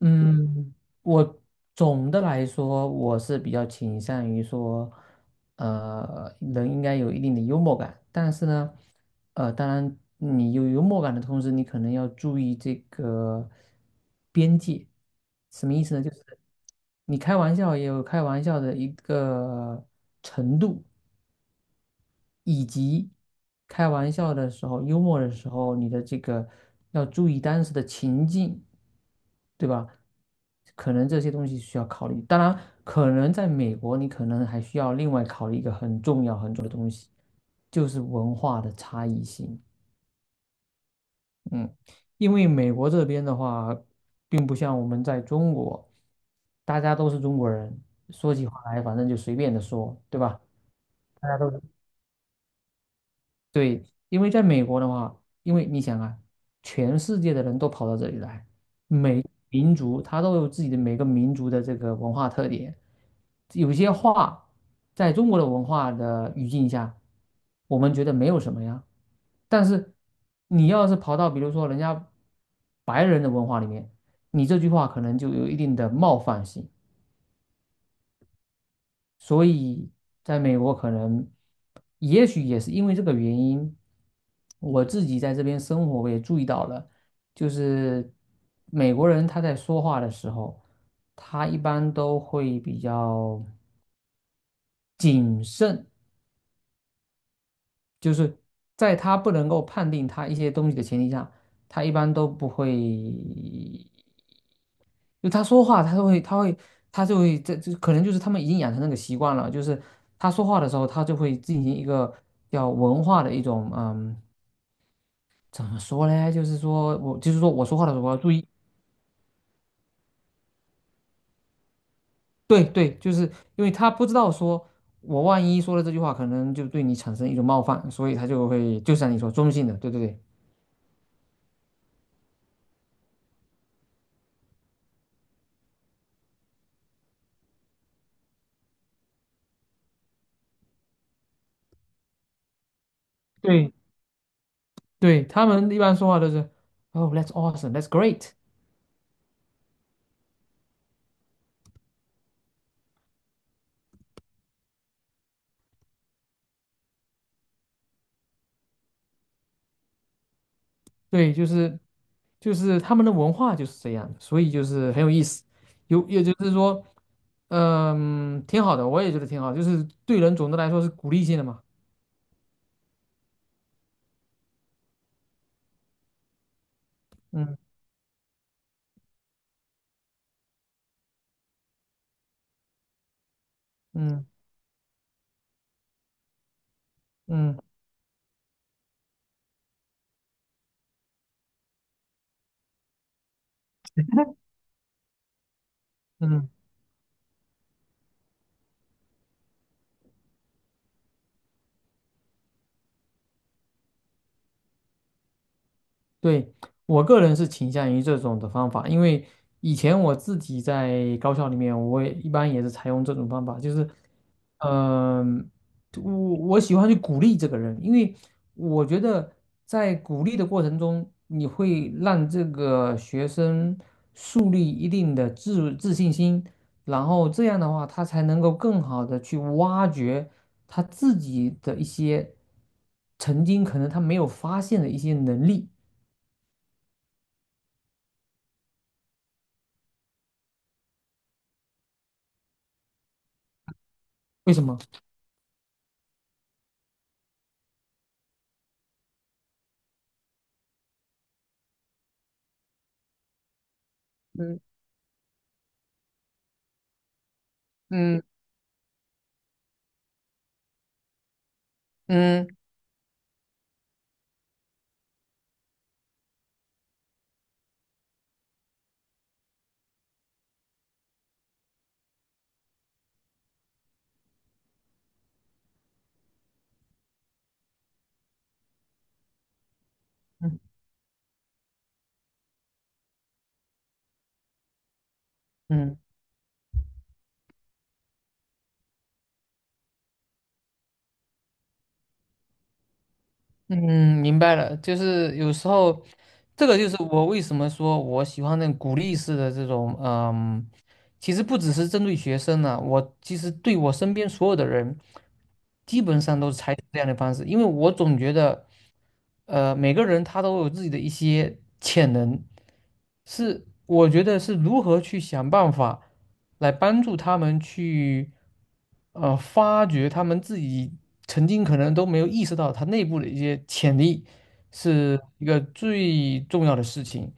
嗯，我总的来说，我是比较倾向于说，人应该有一定的幽默感，但是呢，当然你有幽默感的同时，你可能要注意这个边界，什么意思呢？就是你开玩笑也有开玩笑的一个程度，以及开玩笑的时候，幽默的时候，你的这个要注意当时的情境。对吧？可能这些东西需要考虑。当然，可能在美国，你可能还需要另外考虑一个很重要很重要的东西，就是文化的差异性。嗯，因为美国这边的话，并不像我们在中国，大家都是中国人，说起话来反正就随便的说，对吧？大家都是对，因为在美国的话，因为你想啊，全世界的人都跑到这里来。民族，它都有自己的每个民族的这个文化特点。有些话在中国的文化的语境下，我们觉得没有什么呀。但是你要是跑到比如说人家白人的文化里面，你这句话可能就有一定的冒犯性。所以在美国可能，也许也是因为这个原因，我自己在这边生活，我也注意到了，就是美国人他在说话的时候，他一般都会比较谨慎，就是在他不能够判定他一些东西的前提下，他一般都不会就他说话，他就会，这可能就是他们已经养成那个习惯了，就是他说话的时候，他就会进行一个叫文化的一种，嗯，怎么说嘞？就是说我说话的时候我要注意，对对，就是因为他不知道说我万一说了这句话，可能就对你产生一种冒犯，所以他就会，就像你说中性的，对对对对对，他们一般说话都是，Oh, that's awesome, that's great。对，就是他们的文化就是这样所以就是很有意思。有也就是说，嗯，挺好的，我也觉得挺好，就是对人总的来说是鼓励性的嘛。嗯嗯嗯嗯，对，我个人是倾向于这种的方法，因为以前我自己在高校里面，我也一般也是采用这种方法，就是。嗯，我我喜欢去鼓励这个人，因为我觉得在鼓励的过程中，你会让这个学生树立一定的自信心，然后这样的话，他才能够更好的去挖掘他自己的一些曾经可能他没有发现的一些能力。为什么？嗯嗯嗯，明白了，就是有时候，这个就是我为什么说我喜欢那种鼓励式的这种，嗯，其实不只是针对学生呢、我其实对我身边所有的人，基本上都是采取这样的方式，因为我总觉得。每个人他都有自己的一些潜能，是我觉得是如何去想办法来帮助他们去，发掘他们自己曾经可能都没有意识到他内部的一些潜力，是一个最重要的事情。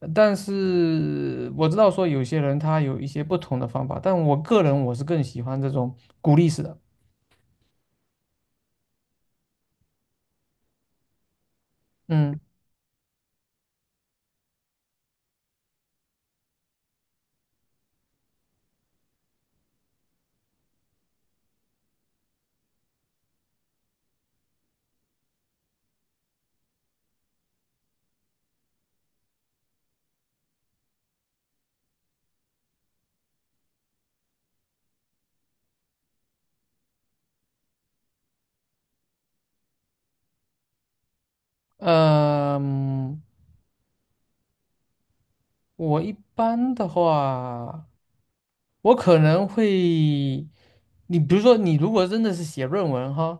但是我知道说有些人他有一些不同的方法，但我个人我是更喜欢这种鼓励式的。嗯，呃，嗯我一般的话。我可能会，你比如说，你如果真的是写论文哈，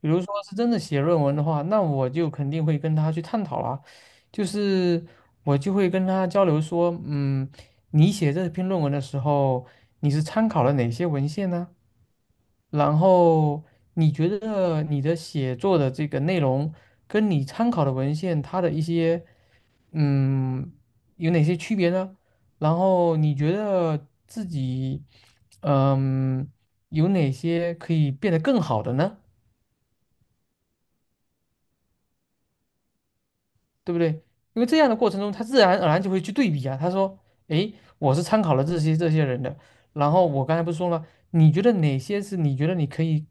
比如说是真的写论文的话，那我就肯定会跟他去探讨啦，就是我就会跟他交流说，嗯，你写这篇论文的时候，你是参考了哪些文献呢？然后你觉得你的写作的这个内容跟你参考的文献它的一些嗯，有哪些区别呢？然后你觉得自己，嗯，有哪些可以变得更好的呢？对不对？因为这样的过程中，他自然而然就会去对比啊。他说：“诶，我是参考了这些这些人的，然后我刚才不是说了，你觉得哪些是你觉得你可以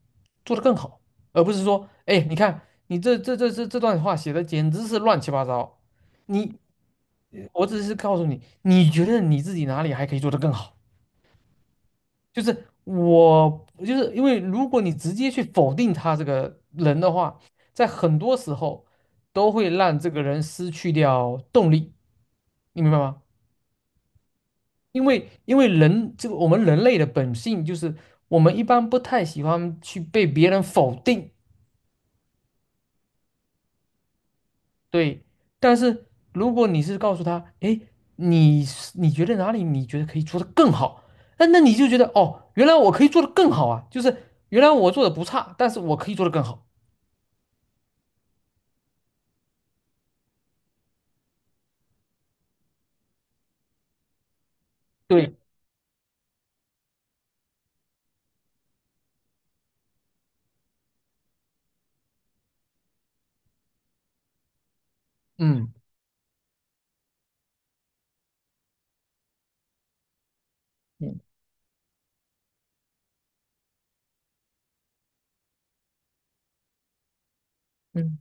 做得更好，而不是说，诶，你看你这段话写的简直是乱七八糟。你，我只是告诉你，你觉得你自己哪里还可以做得更好。”就是我，就是因为如果你直接去否定他这个人的话，在很多时候都会让这个人失去掉动力，你明白吗？因为人这个我们人类的本性就是我们一般不太喜欢去被别人否定，对。但是如果你是告诉他，哎，你是你觉得哪里你觉得可以做得更好，那那你就觉得哦，原来我可以做得更好啊，就是原来我做的不差，但是我可以做得更好。对。嗯嗯嗯，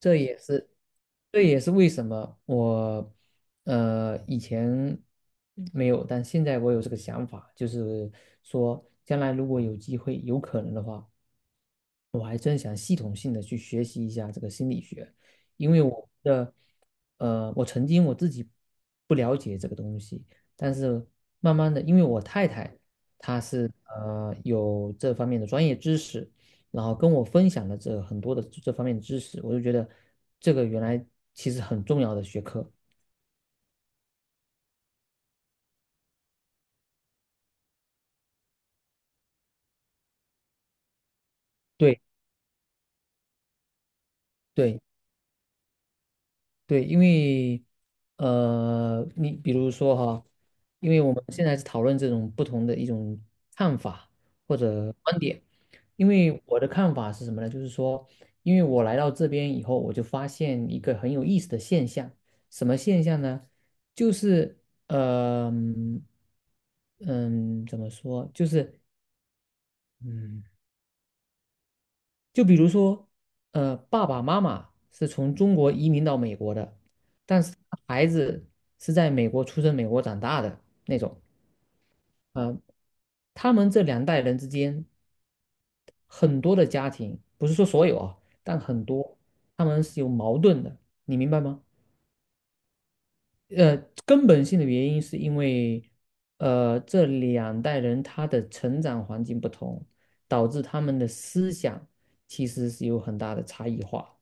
这也是，这也是为什么我，以前没有，但现在我有这个想法，就是说，将来如果有机会、有可能的话，我还真想系统性的去学习一下这个心理学，因为我的，我曾经我自己不了解这个东西，但是慢慢的，因为我太太她是有这方面的专业知识，然后跟我分享了这很多的这方面的知识，我就觉得这个原来其实很重要的学科。对对，对，因为你比如说哈，因为我们现在是讨论这种不同的一种看法或者观点，因为我的看法是什么呢？就是说，因为我来到这边以后，我就发现一个很有意思的现象，什么现象呢？就是呃，嗯，嗯怎么说？就是嗯。就比如说，爸爸妈妈是从中国移民到美国的，但是孩子是在美国出生、美国长大的那种。呃，他们这两代人之间，很多的家庭，不是说所有啊，但很多，他们是有矛盾的，你明白吗？呃，根本性的原因是因为，这两代人他的成长环境不同，导致他们的思想其实是有很大的差异化。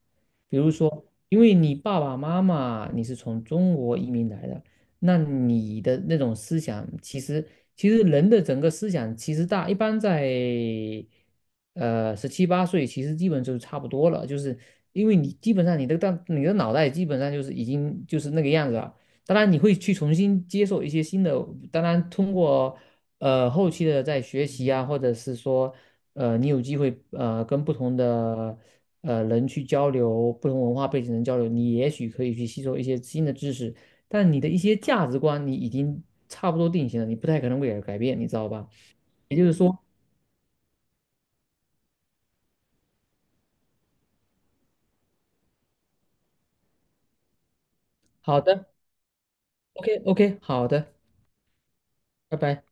比如说，因为你爸爸妈妈你是从中国移民来的，那你的那种思想，其实其实人的整个思想其实大一般在，十七八岁其实基本就是差不多了，就是因为你基本上你的大你的脑袋基本上就是已经就是那个样子了。当然你会去重新接受一些新的，当然通过后期的在学习啊，或者是说你有机会跟不同的人去交流，不同文化背景的人交流，你也许可以去吸收一些新的知识，但你的一些价值观你已经差不多定型了，你不太可能会改变，你知道吧？也就是说，好的，OK OK，好的，拜拜。